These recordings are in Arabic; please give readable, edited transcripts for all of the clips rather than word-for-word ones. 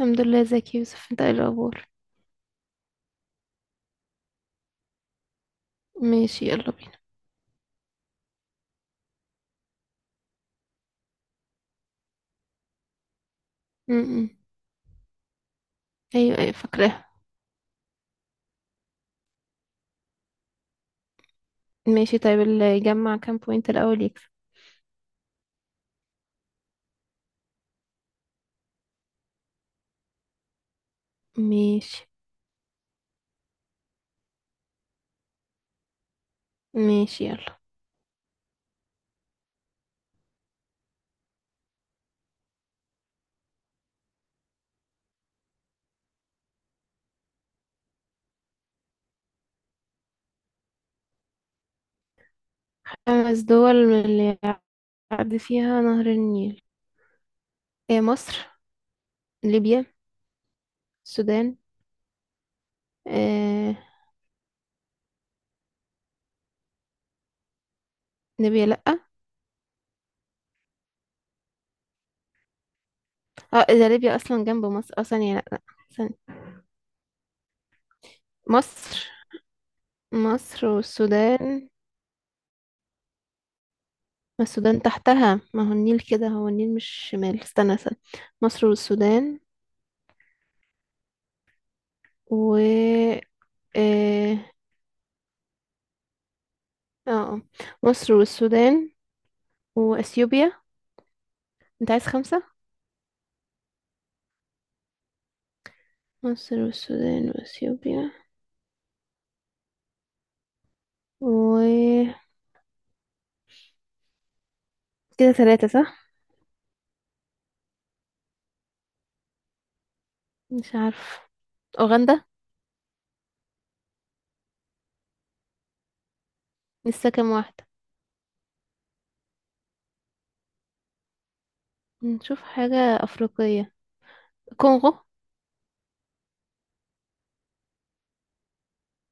الحمد لله. ازيك يا يوسف، انت ايه الاخبار؟ ماشي، يلا بينا. م- م. ايوه، ايوه، فاكراها. ماشي. طيب، اللي يجمع كام بوينت الاول يكسب؟ ماشي، ماشي، يلا. خمس دول من اللي يعدي فيها نهر النيل. إيه، مصر، ليبيا، السودان. إيه؟ ليبيا لأ. اه، اذا ليبيا اصلا جنب مصر، اه، ثانية، لأ، لأ، ثانية. مصر، مصر والسودان. ما السودان تحتها، ما هو النيل كده، هو النيل مش شمال. استنى، استنى. مصر والسودان و اه اه آه. مصر والسودان واثيوبيا. انت عايز خمسة؟ مصر والسودان واثيوبيا و كده ثلاثة، صح؟ مش عارف. اوغندا. لسه كام واحدة؟ نشوف حاجة افريقية. كونغو.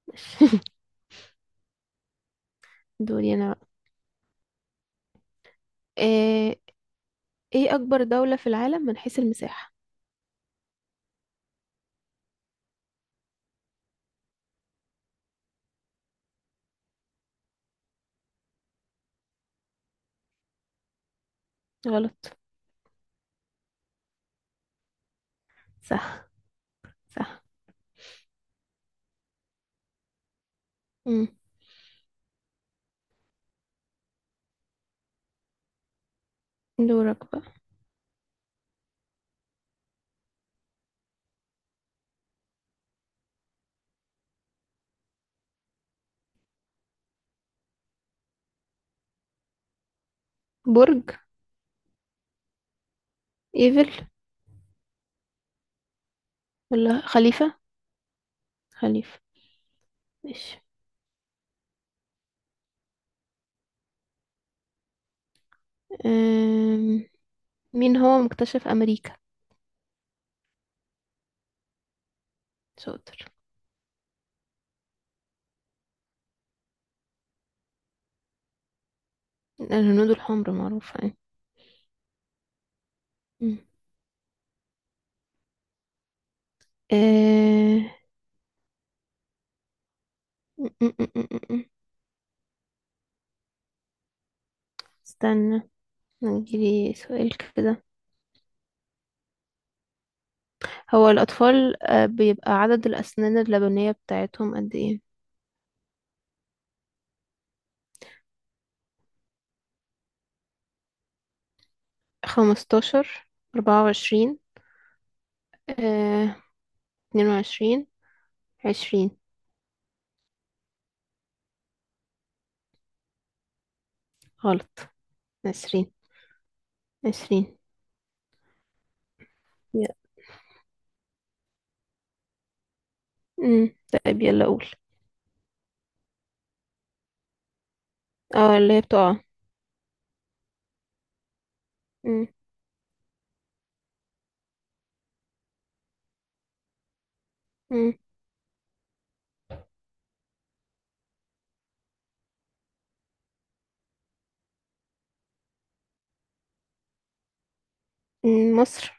دوري انا بقى. آه، ايه اكبر دولة في العالم من حيث المساحة؟ غلط. صح، صح. مم. دورك بقى. برج ايفل ولا خليفة. خليفة. ماشي. آم، مين هو مكتشف امريكا؟ شاطر. الهنود الحمر، معروفة يعني. مم. آه، م- م- م- م- م. استنى، نجيلي سؤال كده. هو الأطفال بيبقى عدد الأسنان اللبنية بتاعتهم قد ايه؟ خمستاشر، أربعة وعشرين، آه، اتنين وعشرين، عشرين. غلط. عشرين، عشرين. يا. مم. طيب، يلا قول. اه، اللي هي بتقع. مم. مم. مم. مصر،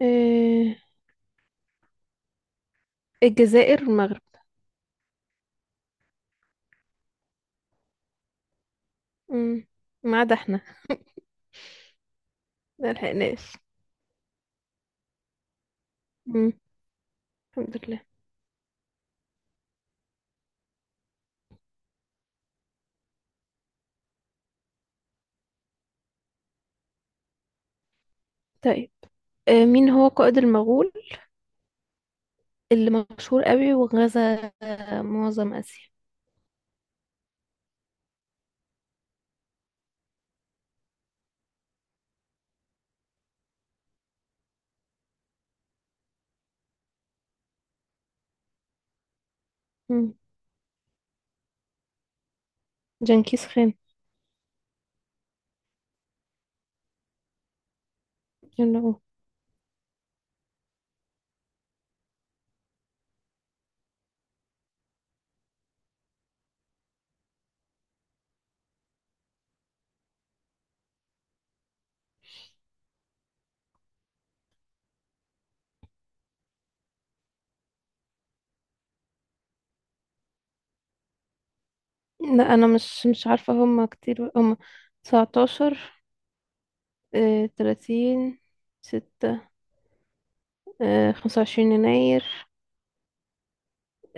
آه، الجزائر، المغرب. مم. ما عدا احنا، ملحقناش. الحمد لله. طيب، مين هو قائد المغول اللي مشهور قوي وغزا معظم آسيا؟ مم. جنكيز خان. يلا. لا، أنا مش عارفة. هم كتير. هم 19، 30، 6، 25 يناير،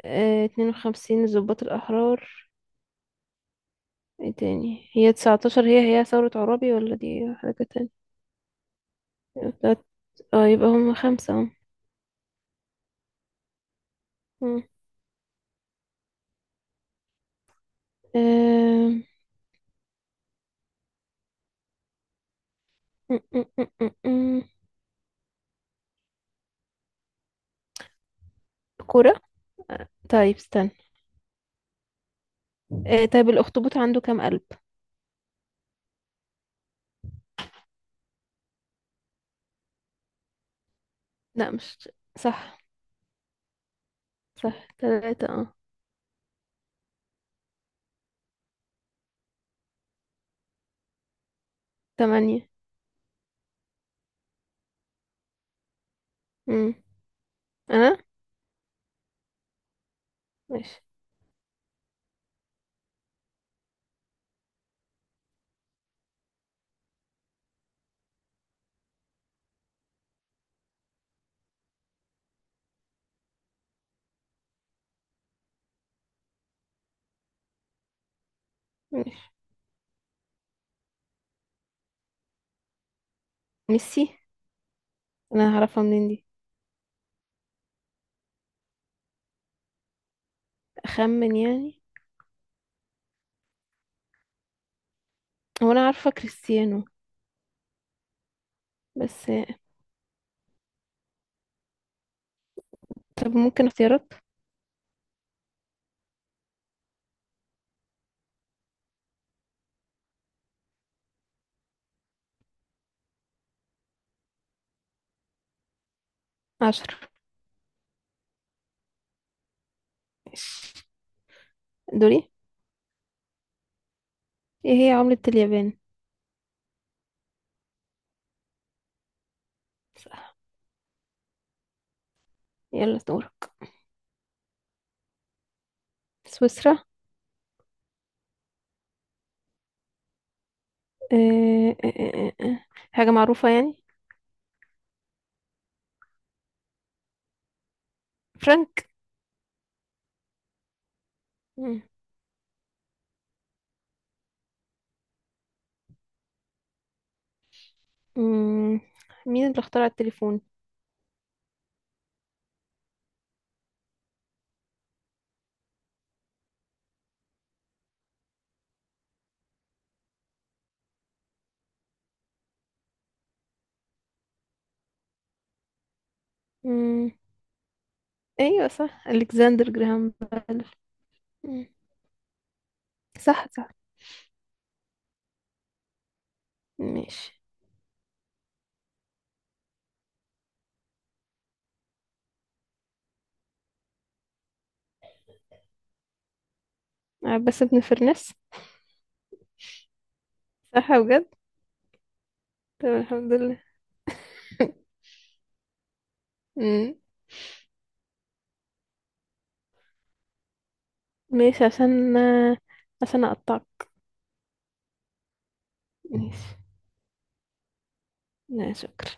52 ضباط الأحرار. ايه تاني؟ هي 19، هي ثورة عرابي ولا دي حاجة تانية؟ تلات- اه، يبقى هم خمسة اهو. مم. آه، م- م- م- م- م. كرة. طيب، استنى. طيب، الأخطبوط عنده كام قلب؟ لا، مش. صح، صح، تلاتة، اه. تمانية. مم. أنا؟ ماشي، ماشي. ميسي؟ أنا هعرفها منين دي؟ أخمن يعني. هو أنا عارفة كريستيانو. بس. طب ممكن اختيارات؟ عشرة. ماشي، دوري. ايه هي عملة اليابان؟ صح. يلا دور. سويسرا. آه، آه، آه، آه. آه. حاجة معروفة يعني. فرانك. مم. مم. مين اللي اخترع التليفون؟ مم. ايوه، صح، الكسندر جراهام بيل. مم. صح، صح، ماشي. عباس بن فرناس. صح، بجد. طب الحمد لله. مم. ماشي، عشان اقطعك. ماشي، لا شكرا.